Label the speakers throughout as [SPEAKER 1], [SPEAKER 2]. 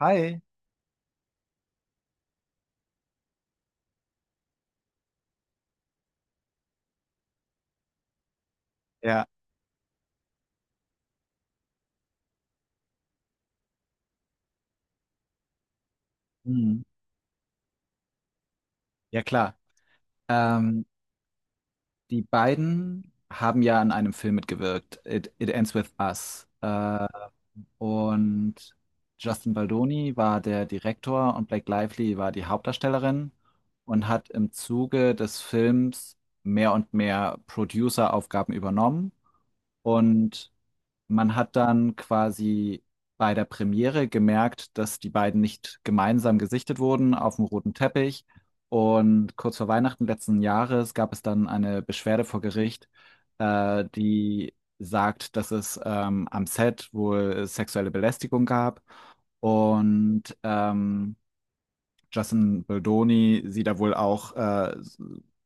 [SPEAKER 1] Hi. Ja. Hm, ja klar. Ähm, Die beiden haben ja an einem Film mitgewirkt, It Ends With Us. Und Justin Baldoni war der Direktor und Blake Lively war die Hauptdarstellerin und hat im Zuge des Films mehr und mehr Producer-Aufgaben übernommen. Und man hat dann quasi bei der Premiere gemerkt, dass die beiden nicht gemeinsam gesichtet wurden auf dem roten Teppich. Und kurz vor Weihnachten letzten Jahres gab es dann eine Beschwerde vor Gericht, die sagt, dass es am Set wohl sexuelle Belästigung gab. Und Justin Baldoni sie da wohl auch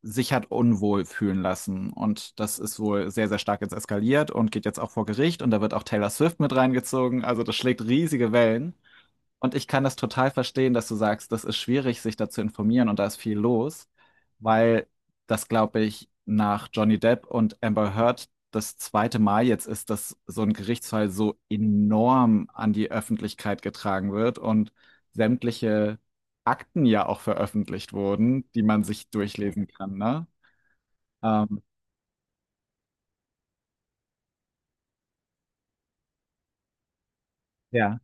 [SPEAKER 1] sich hat unwohl fühlen lassen. Und das ist wohl sehr, sehr stark jetzt eskaliert und geht jetzt auch vor Gericht. Und da wird auch Taylor Swift mit reingezogen. Also das schlägt riesige Wellen. Und ich kann das total verstehen, dass du sagst, das ist schwierig, sich da zu informieren und da ist viel los, weil das, glaube ich, nach Johnny Depp und Amber Heard das zweite Mal jetzt ist, dass so ein Gerichtsfall so enorm an die Öffentlichkeit getragen wird und sämtliche Akten ja auch veröffentlicht wurden, die man sich durchlesen kann, ne? Ähm, ja,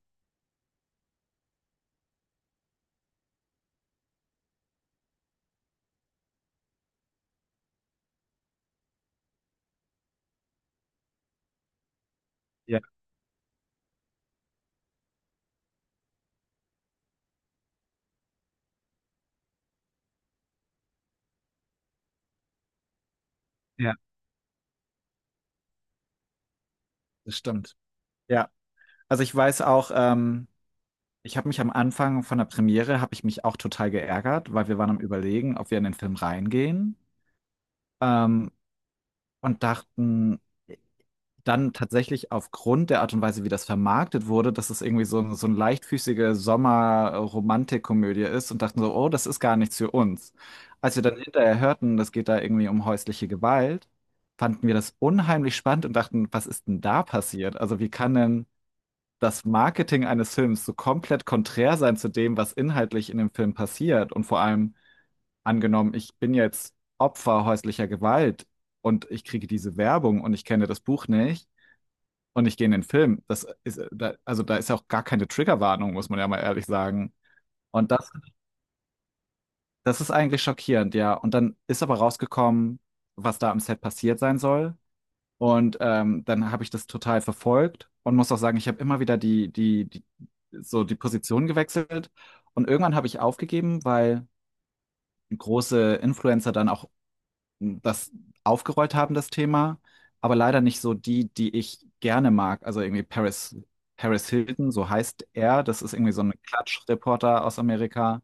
[SPEAKER 1] ja, ja, das stimmt. Ja, also ich weiß auch, ich habe mich am Anfang von der Premiere habe ich mich auch total geärgert, weil wir waren am Überlegen, ob wir in den Film reingehen, ähm, und dachten äh, dann tatsächlich aufgrund der Art und Weise, wie das vermarktet wurde, dass es irgendwie so, so eine leichtfüßige Sommer-Romantikkomödie ist und dachten so, oh, das ist gar nichts für uns. Als wir dann hinterher hörten, das geht da irgendwie um häusliche Gewalt, fanden wir das unheimlich spannend und dachten, was ist denn da passiert? Also wie kann denn das Marketing eines Films so komplett konträr sein zu dem, was inhaltlich in dem Film passiert. Und vor allem angenommen, ich bin jetzt Opfer häuslicher Gewalt und ich kriege diese Werbung und ich kenne das Buch nicht und ich gehe in den Film. Das ist, da, also da ist ja auch gar keine Triggerwarnung, muss man ja mal ehrlich sagen. Und das, das ist eigentlich schockierend, ja. Und dann ist aber rausgekommen, was da am Set passiert sein soll. Und dann habe ich das total verfolgt und muss auch sagen, ich habe immer wieder so die Position gewechselt. Und irgendwann habe ich aufgegeben, weil große Influencer dann auch das aufgerollt haben, das Thema, aber leider nicht so die, die ich gerne mag. Also irgendwie Paris Hilton, so heißt er. Das ist irgendwie so ein Klatschreporter aus Amerika.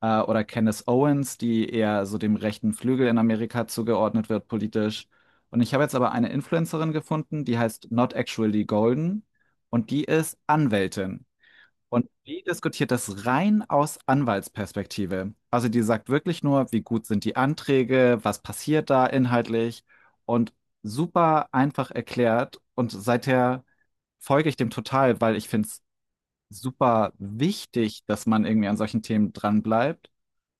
[SPEAKER 1] Oder Candace Owens, die eher so dem rechten Flügel in Amerika zugeordnet wird politisch. Und ich habe jetzt aber eine Influencerin gefunden, die heißt Not Actually Golden und die ist Anwältin. Und die diskutiert das rein aus Anwaltsperspektive. Also die sagt wirklich nur, wie gut sind die Anträge, was passiert da inhaltlich und super einfach erklärt. Und seither folge ich dem total, weil ich finde es super wichtig, dass man irgendwie an solchen Themen dranbleibt.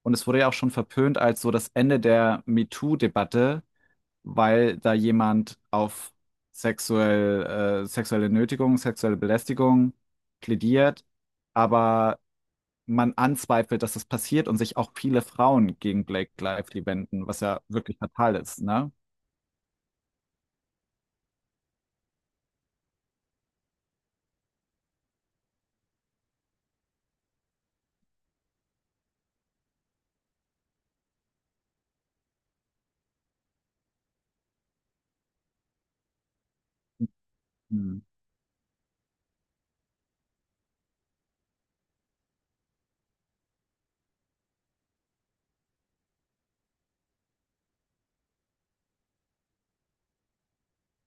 [SPEAKER 1] Und es wurde ja auch schon verpönt als so das Ende der MeToo-Debatte, weil da jemand auf sexuelle Nötigung, sexuelle Belästigung plädiert. Aber man anzweifelt, dass das passiert und sich auch viele Frauen gegen Blake Lively wenden, was ja wirklich fatal ist, ne? Hm.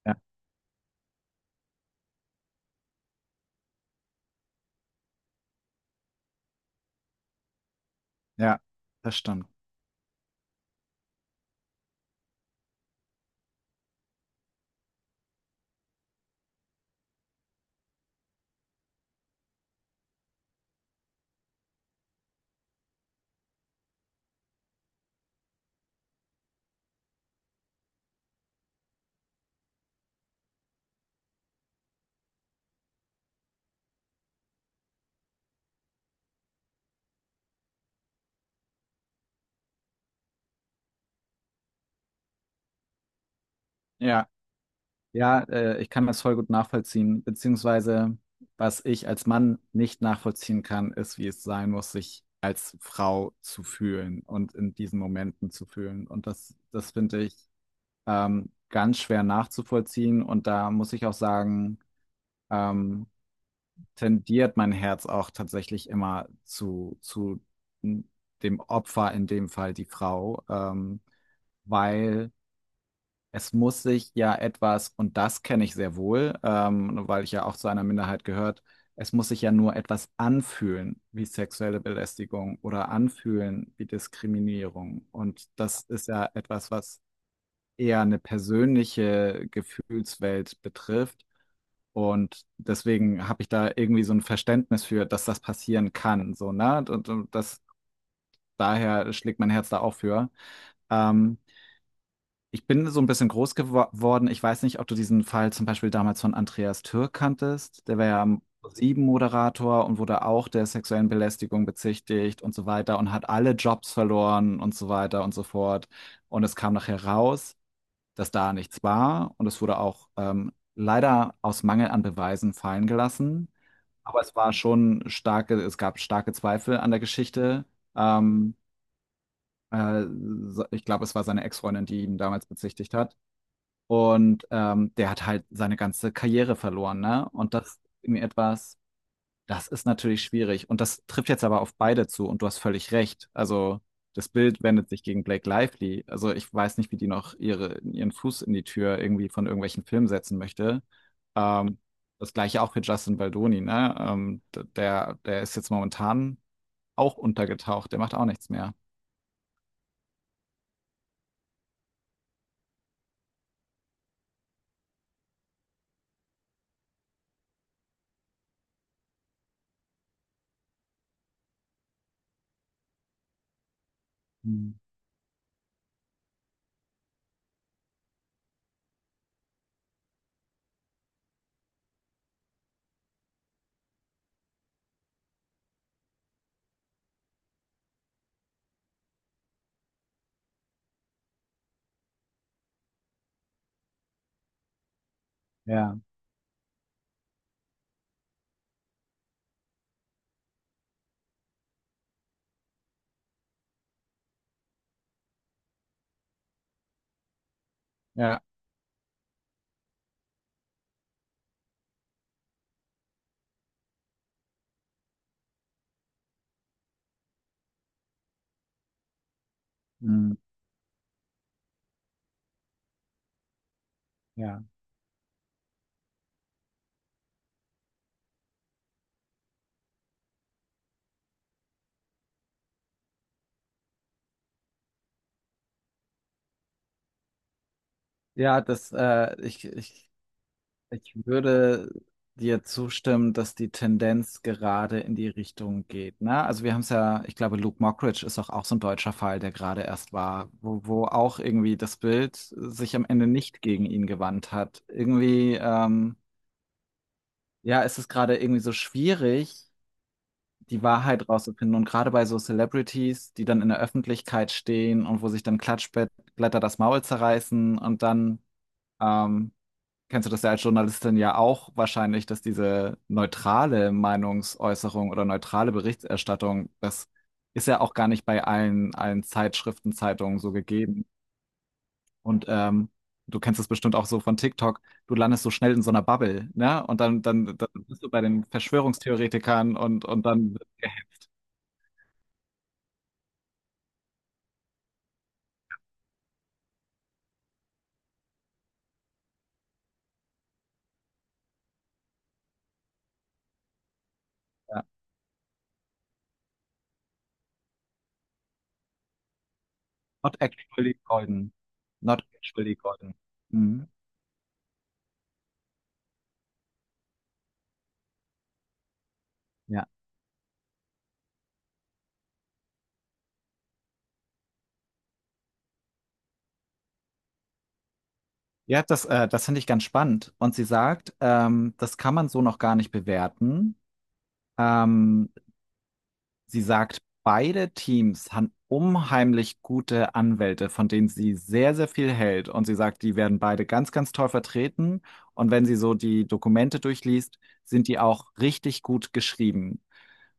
[SPEAKER 1] Ja, ja, das stimmt. Ja, ja, ich, kann das voll gut nachvollziehen, beziehungsweise was ich als Mann nicht nachvollziehen kann, ist, wie es sein muss, sich als Frau zu fühlen und in diesen Momenten zu fühlen. Und das, das finde ich ganz schwer nachzuvollziehen. Und da muss ich auch sagen, ähm, tendiert mein Herz auch tatsächlich immer zu dem Opfer, in dem Fall die Frau, weil es muss sich ja etwas, und das kenne ich sehr wohl, weil ich ja auch zu einer Minderheit gehört, es muss sich ja nur etwas anfühlen wie sexuelle Belästigung oder anfühlen wie Diskriminierung. Und das ist ja etwas, was eher eine persönliche Gefühlswelt betrifft. Und deswegen habe ich da irgendwie so ein Verständnis für, dass das passieren kann. So, ne? Und das, daher schlägt mein Herz da auch für. Ähm, Ich bin so ein bisschen groß geworden. Ich weiß nicht, ob du diesen Fall zum Beispiel damals von Andreas Türk kanntest. Der war ja am pro moderator und wurde auch der sexuellen Belästigung bezichtigt und so weiter und hat alle Jobs verloren und so weiter und so fort. Und es kam nachher raus, dass da nichts war und es wurde auch leider aus Mangel an Beweisen fallen gelassen. Aber es war schon starke, es gab starke Zweifel an der Geschichte. Ähm, äh, Ich glaube, es war seine Ex-Freundin, die ihn damals bezichtigt hat. Und der hat halt seine ganze Karriere verloren, ne? Und das ist mir etwas, das ist natürlich schwierig und das trifft jetzt aber auf beide zu und du hast völlig recht. Also das Bild wendet sich gegen Blake Lively. Also ich weiß nicht, wie die noch ihren Fuß in die Tür irgendwie von irgendwelchen Filmen setzen möchte. Ähm, Das gleiche auch für Justin Baldoni, ne? Der ist jetzt momentan auch untergetaucht, der macht auch nichts mehr. Hm. Ja. Ja. Hm. Ja. Ja, das, ich, ich Ich würde dir zustimmen, dass die Tendenz gerade in die Richtung geht. Ne? Also wir haben es ja, ich glaube, Luke Mockridge ist auch, auch so ein deutscher Fall, der gerade erst war, wo auch irgendwie das Bild sich am Ende nicht gegen ihn gewandt hat. Irgendwie, ja, es ist gerade irgendwie so schwierig, die Wahrheit rauszufinden. Und gerade bei so Celebrities, die dann in der Öffentlichkeit stehen und wo sich dann Klatschblätter das Maul zerreißen und dann ähm, kennst du das ja als Journalistin ja auch wahrscheinlich, dass diese neutrale Meinungsäußerung oder neutrale Berichterstattung, das ist ja auch gar nicht bei allen Zeitschriften, Zeitungen so gegeben. Und du kennst es bestimmt auch so von TikTok, du landest so schnell in so einer Bubble, ne? Und dann bist du bei den Verschwörungstheoretikern und dann wird ja, not actually golden. Not actually golden. Mhm. Ja. Ja, das finde ich ganz spannend. Und sie sagt, das kann man so noch gar nicht bewerten. Ähm, Sie sagt, beide Teams haben unheimlich gute Anwälte, von denen sie sehr, sehr viel hält. Und sie sagt, die werden beide ganz, ganz toll vertreten. Und wenn sie so die Dokumente durchliest, sind die auch richtig gut geschrieben.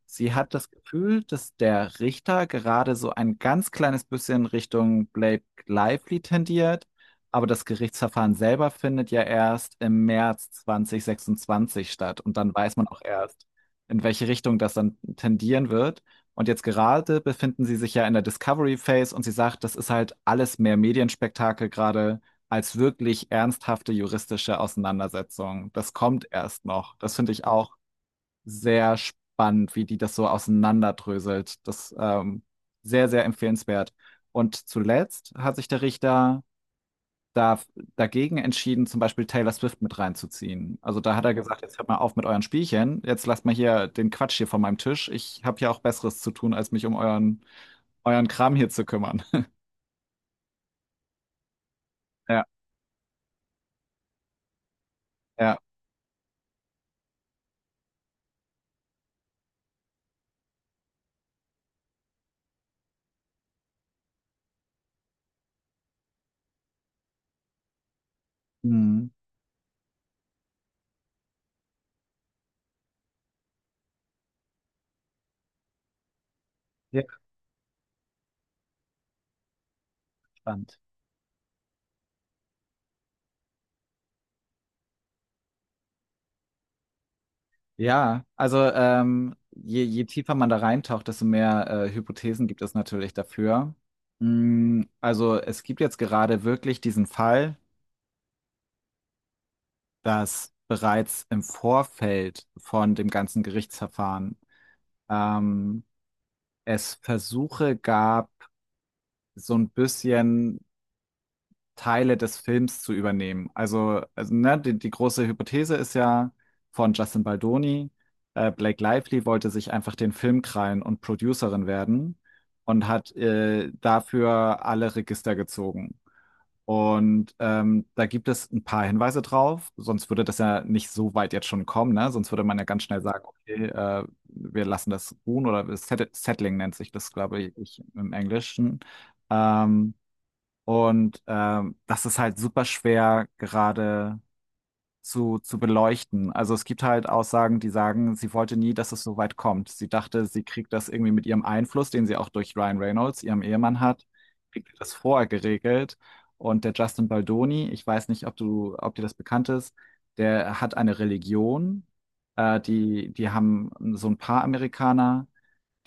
[SPEAKER 1] Sie hat das Gefühl, dass der Richter gerade so ein ganz kleines bisschen Richtung Blake Lively tendiert, aber das Gerichtsverfahren selber findet ja erst im März 2026 statt und dann weiß man auch erst, in welche Richtung das dann tendieren wird. Und jetzt gerade befinden sie sich ja in der Discovery Phase und sie sagt, das ist halt alles mehr Medienspektakel gerade als wirklich ernsthafte juristische Auseinandersetzung. Das kommt erst noch. Das finde ich auch sehr spannend, wie die das so auseinanderdröselt. Das sehr, sehr empfehlenswert. Und zuletzt hat sich der Richter da dagegen entschieden, zum Beispiel Taylor Swift mit reinzuziehen. Also da hat er gesagt, jetzt hört mal auf mit euren Spielchen, jetzt lasst mal hier den Quatsch hier von meinem Tisch. Ich habe ja auch Besseres zu tun, als mich um euren Kram hier zu kümmern. Ja, ja. Mhm. Ja, spannend. Ja, also je tiefer man da reintaucht, desto mehr Hypothesen gibt es natürlich dafür. Mm, also es gibt jetzt gerade wirklich diesen Fall, dass bereits im Vorfeld von dem ganzen Gerichtsverfahren ähm, es Versuche gab, so ein bisschen Teile des Films zu übernehmen. Also ne, die große Hypothese ist ja von Justin Baldoni, Blake Lively wollte sich einfach den Film krallen und Producerin werden und hat dafür alle Register gezogen. Und da gibt es ein paar Hinweise drauf, sonst würde das ja nicht so weit jetzt schon kommen, ne? Sonst würde man ja ganz schnell sagen, okay, wir lassen das ruhen oder das Settling nennt sich das, glaube ich, im Englischen. Ähm, Das ist halt super schwer gerade zu beleuchten. Also es gibt halt Aussagen, die sagen, sie wollte nie, dass es so weit kommt. Sie dachte, sie kriegt das irgendwie mit ihrem Einfluss, den sie auch durch Ryan Reynolds, ihrem Ehemann hat, kriegt sie das vorher geregelt. Und der Justin Baldoni, ich weiß nicht, ob dir das bekannt ist, der hat eine Religion. Die haben so ein paar Amerikaner,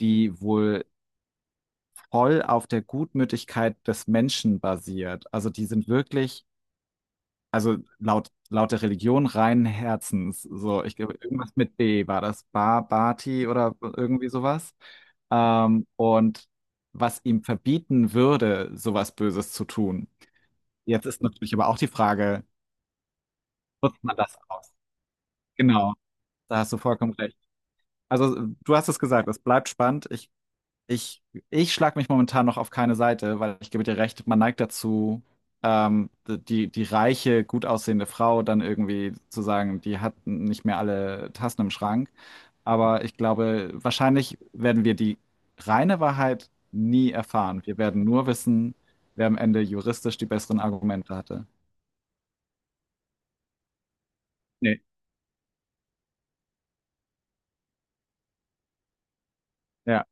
[SPEAKER 1] die wohl voll auf der Gutmütigkeit des Menschen basiert. Also die sind wirklich also laut der Religion reinen Herzens. So, ich glaube, irgendwas mit B war das. Ba, Bati oder irgendwie sowas. Und was ihm verbieten würde, sowas Böses zu tun. Jetzt ist natürlich aber auch die Frage, macht man das aus? Genau, da hast du vollkommen recht. Also, du hast es gesagt, es bleibt spannend. Ich, Ich schlage mich momentan noch auf keine Seite, weil ich gebe dir recht, man neigt dazu, die reiche, gut aussehende Frau dann irgendwie zu sagen, die hat nicht mehr alle Tassen im Schrank. Aber ich glaube, wahrscheinlich werden wir die reine Wahrheit nie erfahren. Wir werden nur wissen, wer am Ende juristisch die besseren Argumente hatte. Nee. Ja.